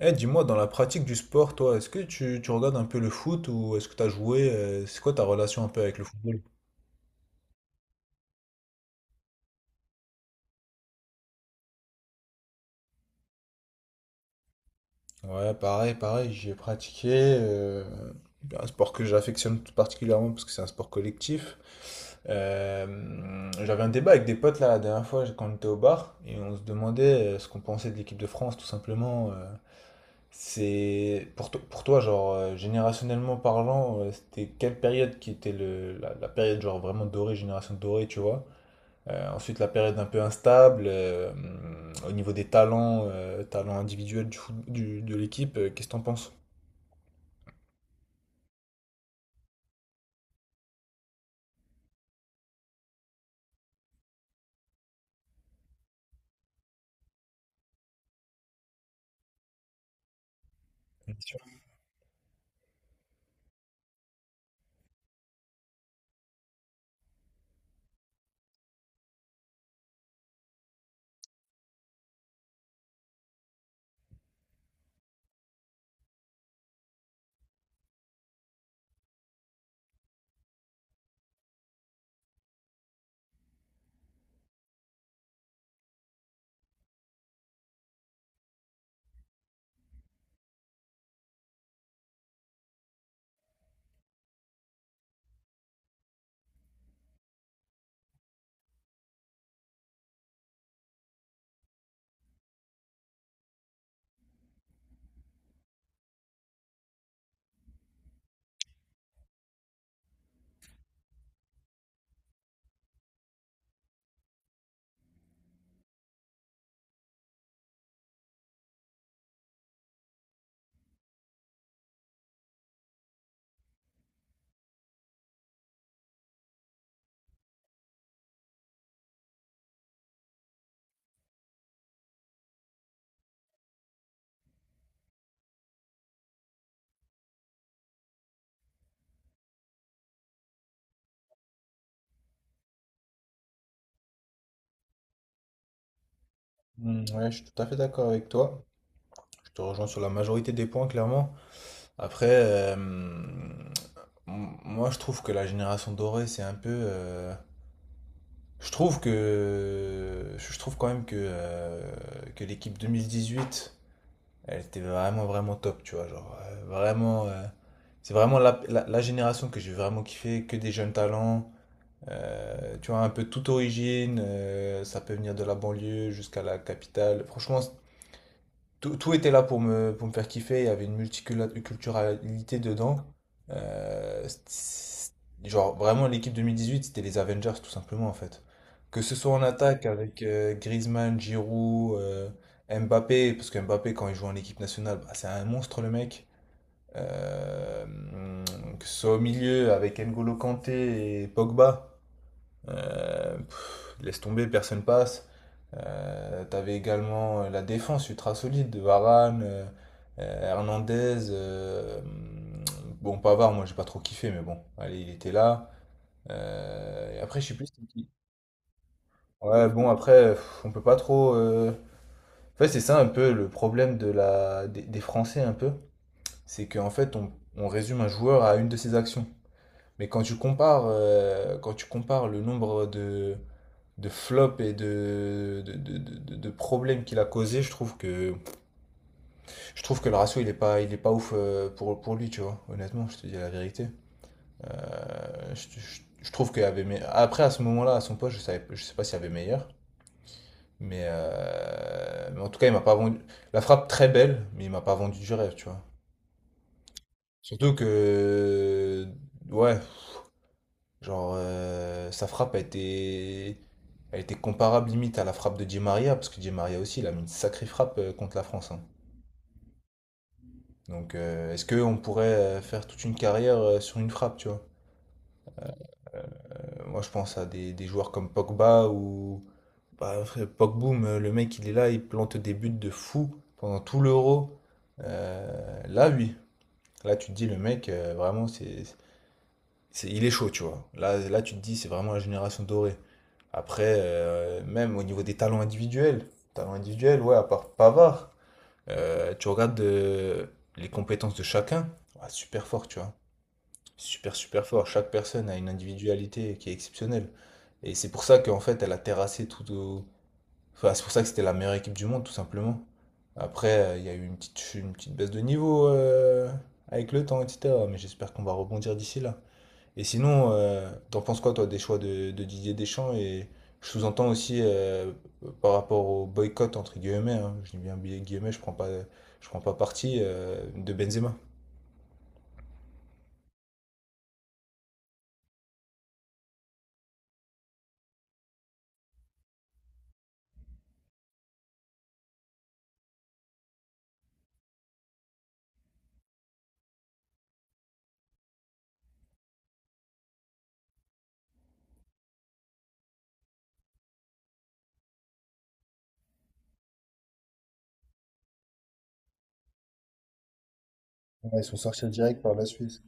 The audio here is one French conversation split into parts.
Eh, dis-moi, dans la pratique du sport, toi, est-ce que tu regardes un peu le foot ou est-ce que tu as joué? C'est quoi ta relation un peu avec le football? Ouais, pareil, pareil, j'ai pratiqué euh, un sport que j'affectionne tout particulièrement parce que c'est un sport collectif. J'avais un débat avec des potes là la dernière fois quand on était au bar et on se demandait ce qu'on pensait de l'équipe de France tout simplement. C'est pour toi genre générationnellement parlant, c'était quelle période qui était la période genre vraiment dorée, génération dorée, tu vois? Ensuite, la période un peu instable, au niveau des talents, talents individuels de l'équipe, qu'est-ce que t'en penses? Bien sûr. Ouais, je suis tout à fait d'accord avec toi. Je te rejoins sur la majorité des points, clairement. Après, moi, je trouve que la génération dorée, c'est un peu. Je trouve que. Je trouve quand même que l'équipe 2018 elle était vraiment, vraiment top, tu vois. Genre, vraiment. C'est vraiment la génération que j'ai vraiment kiffé, que des jeunes talents. Tu vois, un peu toute origine. Ça peut venir de la banlieue jusqu'à la capitale. Franchement, tout était là pour pour me faire kiffer, il y avait une multiculturalité dedans. Euh, c'est- genre, vraiment, l'équipe 2018, c'était les Avengers, tout simplement, en fait. Que ce soit en attaque avec Griezmann, Giroud, Mbappé, parce que Mbappé, quand il joue en équipe nationale, bah, c'est un monstre, le mec. Euh, que ce soit au milieu avec N'Golo Kanté et Pogba, pff, laisse tomber, personne passe. T'avais également la défense ultra solide, de Varane, Hernandez. Bon, Pavard, moi j'ai pas trop kiffé, mais bon, allez, il était là. Et après, je sais plus c'était qui. Ouais, bon, après, pff, on peut pas trop. En fait, c'est ça un peu le problème de des Français, un peu. C'est qu'en fait, on résume un joueur à une de ses actions. Mais quand tu compares le nombre de flops et de problèmes qu'il a causé, je trouve que je trouve que le ratio, il est pas ouf pour lui, tu vois. Honnêtement, je te dis la vérité. Je trouve qu'il y avait après, à ce moment-là, à son poste, je sais pas s'il y avait meilleur. Mais en tout cas, il m'a pas vendu. La frappe très belle, mais il m'a pas vendu du rêve, tu vois. Surtout que. Ouais, genre, sa frappe a été. A été comparable limite à la frappe de Di Maria, parce que Di Maria aussi, il a mis une sacrée frappe contre la France, hein. Donc, est-ce qu'on pourrait faire toute une carrière sur une frappe, tu vois? Moi, je pense à des joueurs comme Pogba ou bah, Pogboom, le mec, il est là, il plante des buts de fou pendant tout l'Euro. Là, oui. Là, tu te dis, le mec, vraiment, il est chaud, tu vois. Là, tu te dis, c'est vraiment la génération dorée. Après, même au niveau des talents individuels, ouais, à part Pavard, tu regardes les compétences de chacun, ouais, super fort, tu vois. Super, super fort. Chaque personne a une individualité qui est exceptionnelle. Et c'est pour ça qu'en fait, elle a terrassé tout au. Enfin, c'est pour ça que c'était la meilleure équipe du monde, tout simplement. Après, il y a eu une petite baisse de niveau avec le temps, etc. Mais j'espère qu'on va rebondir d'ici là. Et sinon, t'en penses quoi, toi, des choix de Didier Deschamps? Et je sous-entends aussi par rapport au boycott, entre guillemets, hein. Je dis bien guillemets, je prends pas parti de Benzema. Ouais, ils sont sortis direct par la Suisse.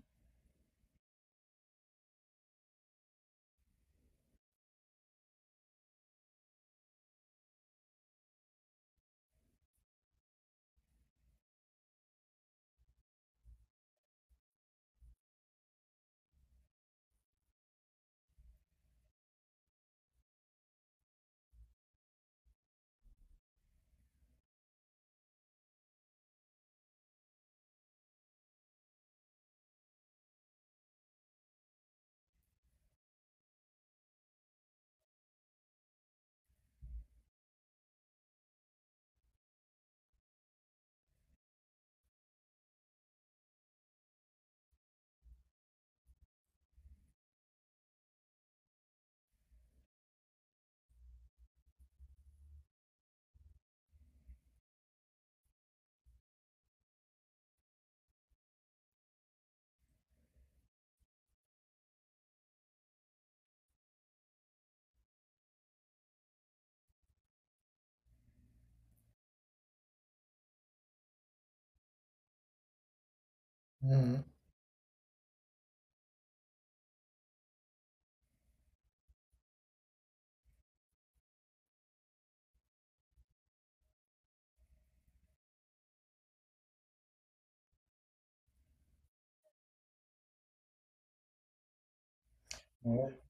Mhm.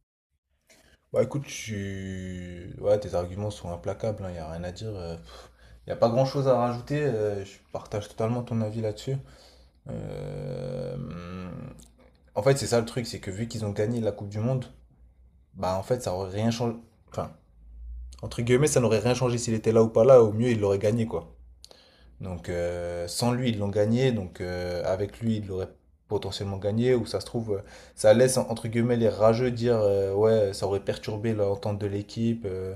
Bah écoute, ouais, tes arguments sont implacables, il n'y a rien à dire. Il n'y a pas grand-chose à rajouter, je partage totalement ton avis là-dessus. Euh, En fait, c'est ça le truc, c'est que vu qu'ils ont gagné la Coupe du Monde, bah en fait, ça aurait rien changé. Enfin, entre guillemets, ça n'aurait rien changé s'il était là ou pas là, au mieux, il l'aurait gagné, quoi. Donc, sans lui, ils l'ont gagné, donc avec lui, ils l'auraient potentiellement gagné, ou ça se trouve, ça laisse, entre guillemets, les rageux dire, ouais, ça aurait perturbé l'entente de l'équipe.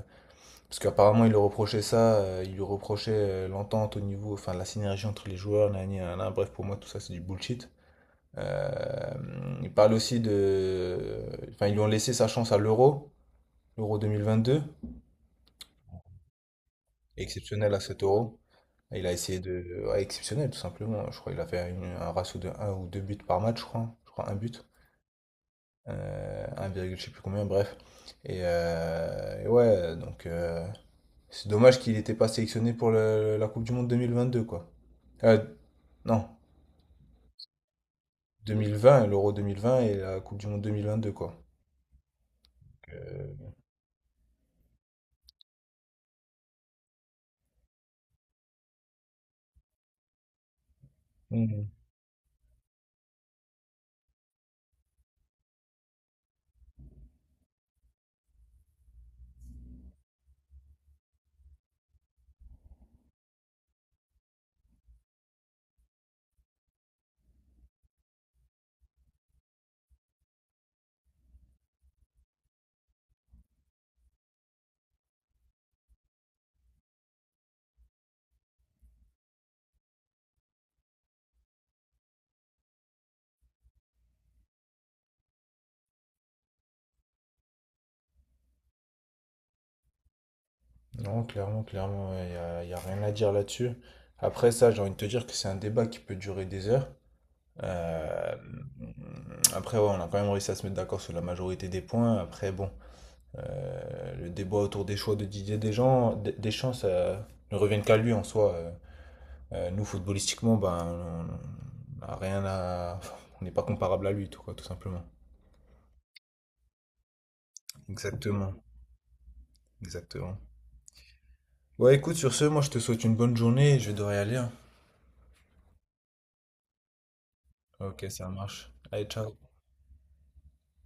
Parce qu'apparemment, il lui reprochait ça, il lui reprochait l'entente au niveau, enfin la synergie entre les joueurs, nanani, nanana. Bref, pour moi, tout ça, c'est du bullshit. Euh, il parle aussi de. Enfin, ils lui ont laissé sa chance à l'euro, l'euro 2022, exceptionnel à cet euro. Il a essayé de. Ouais, exceptionnel, tout simplement. Je crois qu'il a fait un ratio de un ou 2 buts par match, je crois. Je crois un but. 1, virgule je sais plus combien, bref. Et ouais, donc c'est dommage qu'il n'était pas sélectionné pour la Coupe du Monde 2022, quoi. Euh, non, 2020, l'Euro 2020 et la Coupe du Monde 2022, quoi. Euh, Mhm. Non, clairement, clairement, y a rien à dire là-dessus. Après ça, j'ai envie de te dire que c'est un débat qui peut durer des heures. Euh, après, ouais, on a quand même réussi à se mettre d'accord sur la majorité des points. Après, bon, le débat autour des choix de Didier Deschamps, Deschamps, ça ne revient qu'à lui en soi. Nous, footballistiquement, ben, on on a rien à on n'est pas comparable à lui, tout, quoi, tout simplement. Exactement. Exactement. Ouais, écoute, sur ce, moi je te souhaite une bonne journée et je vais devoir y aller, hein. Ok, ça marche. Allez, ciao.